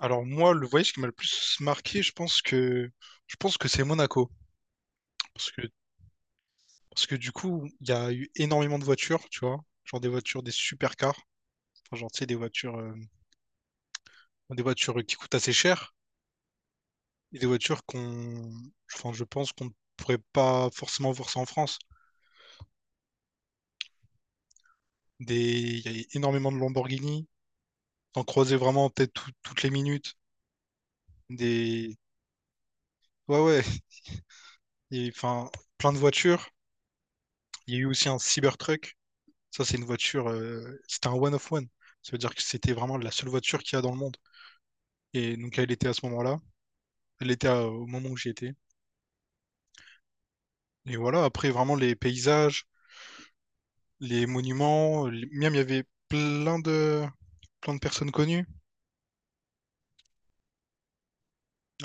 Alors moi, le voyage qui m'a le plus marqué, je pense que c'est Monaco. Parce que, parce que du coup, il y a eu énormément de voitures, tu vois. Genre des voitures, des supercars. Enfin, genre, tu sais, des voitures qui coûtent assez cher. Et des voitures qu'on. Enfin, je pense qu'on ne pourrait pas forcément voir ça en France. Des... Il y a énormément de Lamborghini. T'en croisais vraiment peut-être toutes les minutes. Des. Ouais, ouais. Et, enfin, plein de voitures. Il y a eu aussi un Cybertruck. Ça, c'est une voiture, c'était un one of one. Ça veut dire que c'était vraiment la seule voiture qu'il y a dans le monde. Et donc, elle était à ce moment-là. Elle était au moment où j'y étais. Et voilà, après, vraiment, les paysages, les monuments. Miam, il y avait plein de, plein de personnes connues.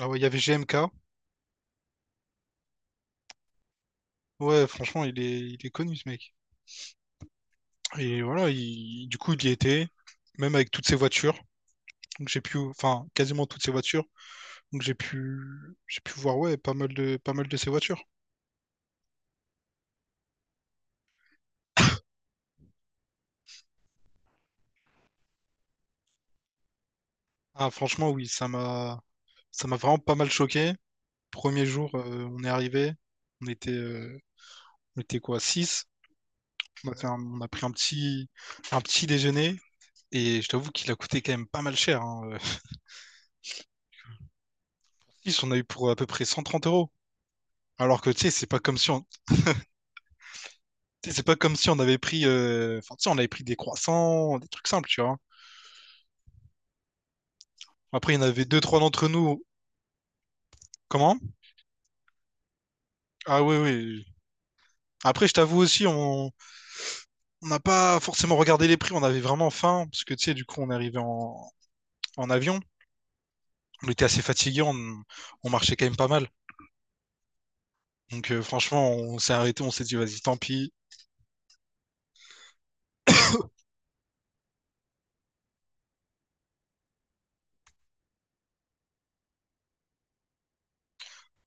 Ah ouais, il y avait GMK. Ouais, franchement, il est connu, ce mec. Et voilà, du coup, il y était, même avec toutes ses voitures. Donc, j'ai pu, enfin, quasiment toutes ses voitures. Donc, j'ai pu voir, ouais, pas mal de ses voitures. Ah, franchement, oui, Ça m'a vraiment pas mal choqué. Premier jour, on est arrivé. On était, euh, on était quoi, 6. On a fait on a pris un petit déjeuner. Et je t'avoue qu'il a coûté quand même pas mal cher. Hein. 6, on a eu pour à peu près 130 euros. Alors que, tu sais, c'est pas comme si on, tu sais, c'est pas comme si on avait pris, enfin, tu sais, on avait pris des croissants, des trucs simples, tu vois. Après, il y en avait deux, trois d'entre nous. Comment? Ah oui, oui. Après, je t'avoue aussi, on n'a pas forcément regardé les prix. On avait vraiment faim. Parce que, tu sais, du coup, on est arrivé en avion. On était assez fatigué, on marchait quand même pas mal. Donc, franchement, on s'est arrêté, on s'est dit vas-y, tant pis.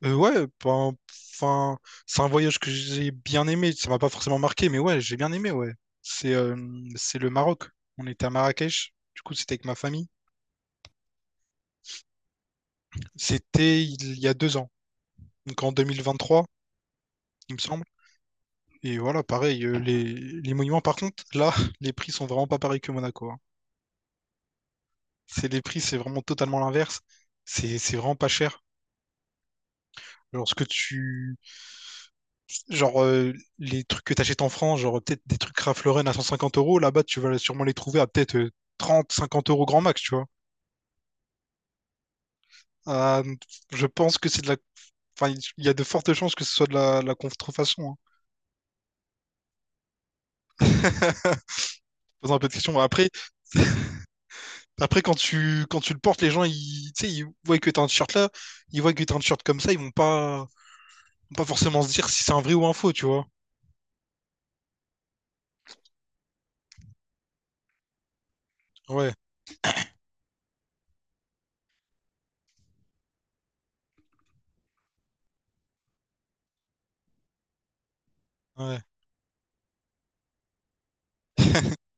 Ouais, ben, enfin, c'est un voyage que j'ai bien aimé. Ça m'a pas forcément marqué, mais ouais, j'ai bien aimé, ouais. C'est euh, c'est le Maroc. On était à Marrakech. Du coup, c'était avec ma famille. C'était il y a 2 ans, donc en 2023, il me semble. Et voilà, pareil, les monuments, par contre, là, les prix sont vraiment pas pareils que Monaco, hein. C'est les prix, c'est vraiment totalement l'inverse. C'est vraiment pas cher. Alors, ce que tu genre les trucs que t'achètes en France, genre peut-être des trucs Ralph Lauren à 150 euros, là-bas tu vas sûrement les trouver à peut-être 30, 50 € grand max, tu vois. Euh, je pense que c'est de la. Enfin, il y a de fortes chances que ce soit de la contrefaçon. Hein. Pose un peu de questions. Après, quand tu le portes, les gens, ils, tu sais, ils voient que t'as un t-shirt là, ils voient que t'as un t-shirt comme ça, ils vont pas forcément se dire si c'est un vrai ou un faux, tu vois. Ouais, ouais.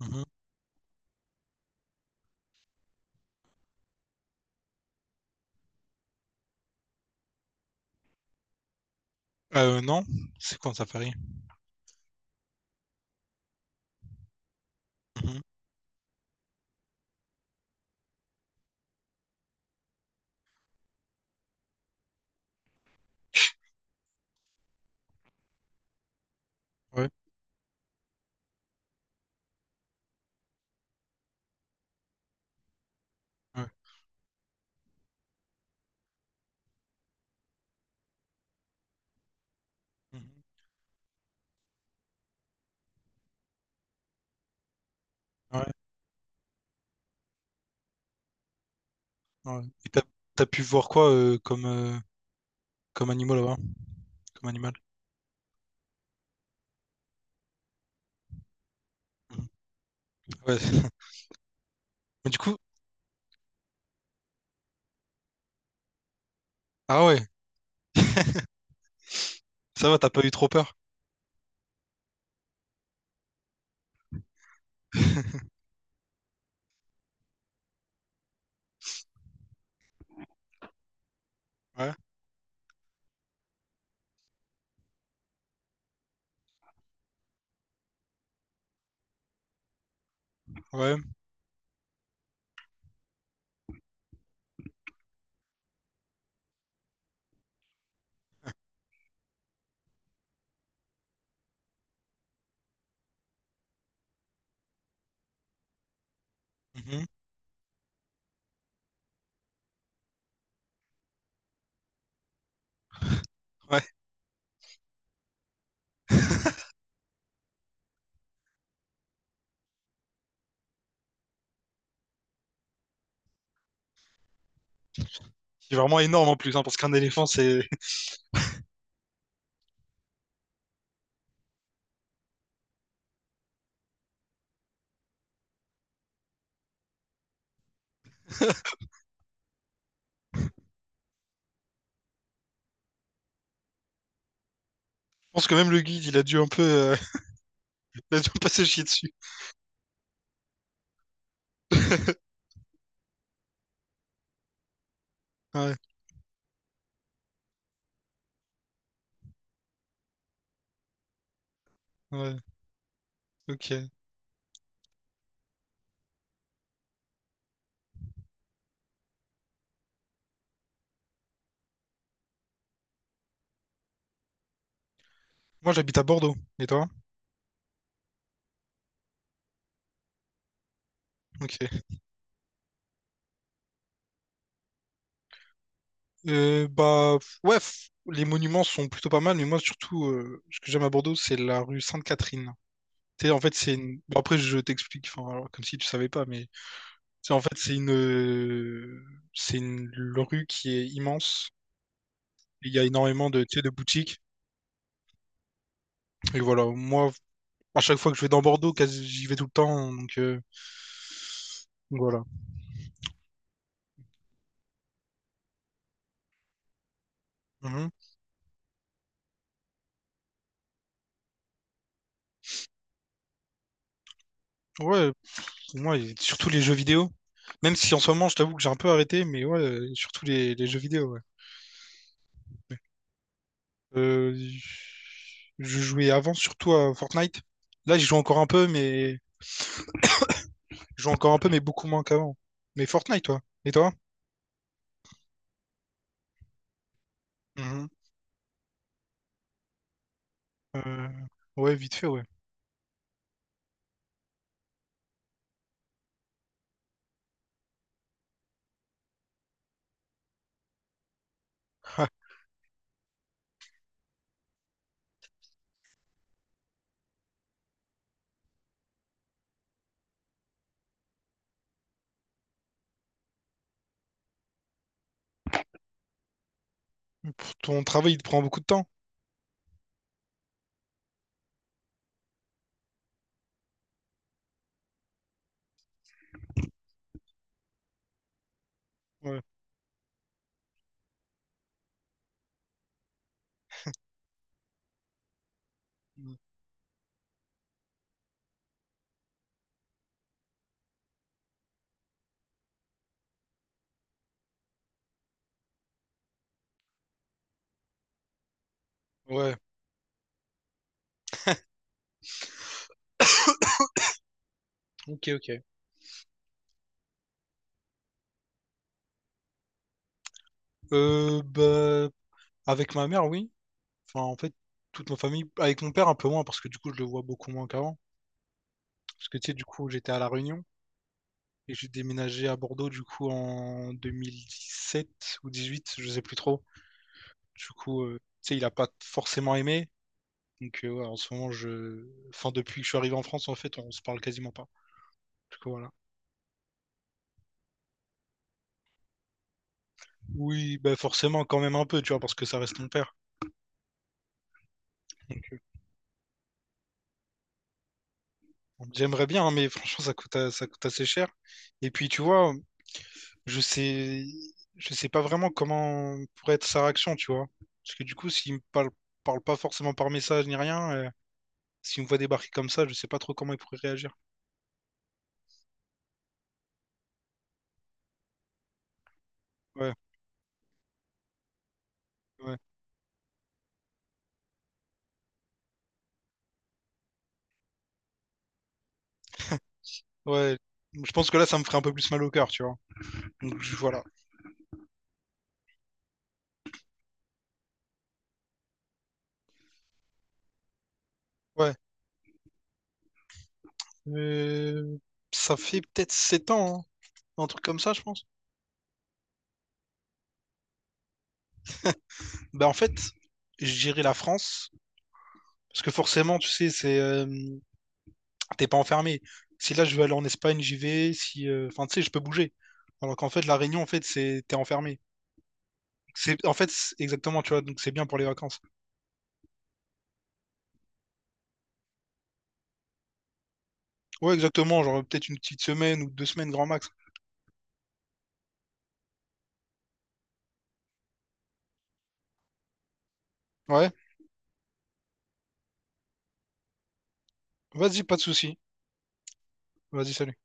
Mhm. Non, c'est quoi ça, Paris? Mhm. Ouais, ouais. Mhm. Ouais. Ouais. Et t'as pu voir quoi comme animal là-bas? Comme animal. Mhm. Ouais. Mais du coup, ah ouais, ça va, t'as pas eu trop peur. Ouais, ouais. Mhm. Ouais. C'est vraiment énorme en plus, hein, parce qu'un éléphant, c'est. Je pense que même le guide, il a dû un peu, il a dû un peu se chier dessus. Ouais, ouais, ok. Moi, j'habite à Bordeaux. Et toi? Ok. Bah, ouais, les monuments sont plutôt pas mal, mais moi, surtout, ce que j'aime à Bordeaux, c'est la rue Sainte-Catherine. Tu sais, en fait, c'est une. Bon, après, je t'explique, enfin, alors, comme si tu savais pas, mais. Tu sais, en fait, C'est une rue qui est immense. Il y a énormément de, tu sais, de boutiques. Et voilà, moi, à chaque fois que je vais dans Bordeaux, quasi, j'y vais tout le temps, donc voilà. Mhm. Ouais, pour moi, et surtout les jeux vidéo. Même si en ce moment, je t'avoue que j'ai un peu arrêté, mais ouais, surtout les jeux vidéo, ouais. Euh, je jouais avant surtout à Fortnite. Là, j'y joue encore un peu, mais je joue encore un peu, mais beaucoup moins qu'avant. Mais Fortnite, toi. Et toi? Mhm. Euh, Ouais, vite fait, ouais. Ah, pour ton travail, il te prend beaucoup de temps. Ouais. Mm. Ouais. Ok, ok. Bah, avec ma mère, oui. Enfin, en fait, toute ma famille. Avec mon père, un peu moins, parce que du coup, je le vois beaucoup moins qu'avant. Parce que tu sais, du coup, j'étais à La Réunion et j'ai déménagé à Bordeaux, du coup, en 2017 ou 18, je sais plus trop. Du coup, tu sais, il a pas forcément aimé. Donc, ouais, en ce moment, je. Enfin, depuis que je suis arrivé en France, en fait, on se parle quasiment pas. Du coup, voilà. Oui, bah forcément, quand même un peu, tu vois, parce que ça reste mon père. Donc, bon, j'aimerais bien, hein, mais franchement, ça coûte, ça coûte assez cher. Et puis, tu vois, je sais. Je sais pas vraiment comment pourrait être sa réaction, tu vois. Parce que du coup, s'il me parle pas forcément par message ni rien, s'il me voit débarquer comme ça, je sais pas trop comment il pourrait réagir. Ouais, ouais, ouais. Je pense que là, ça me ferait un peu plus mal au cœur, tu vois. Donc, voilà. Ouais. Euh, Ça fait peut-être 7 ans, hein, un truc comme ça, je pense. Bah, en fait, je dirais la France, parce que forcément, tu sais, t'es pas enfermé. Si là, je veux aller en Espagne, j'y vais. Si, Enfin, tu sais, je peux bouger. Alors qu'en fait, la Réunion, en fait, c'est, t'es enfermé. C'est, en fait, exactement, tu vois, donc c'est bien pour les vacances. Ouais, exactement, genre peut-être une petite semaine ou 2 semaines grand max. Ouais, vas-y, pas de souci. Vas-y, salut.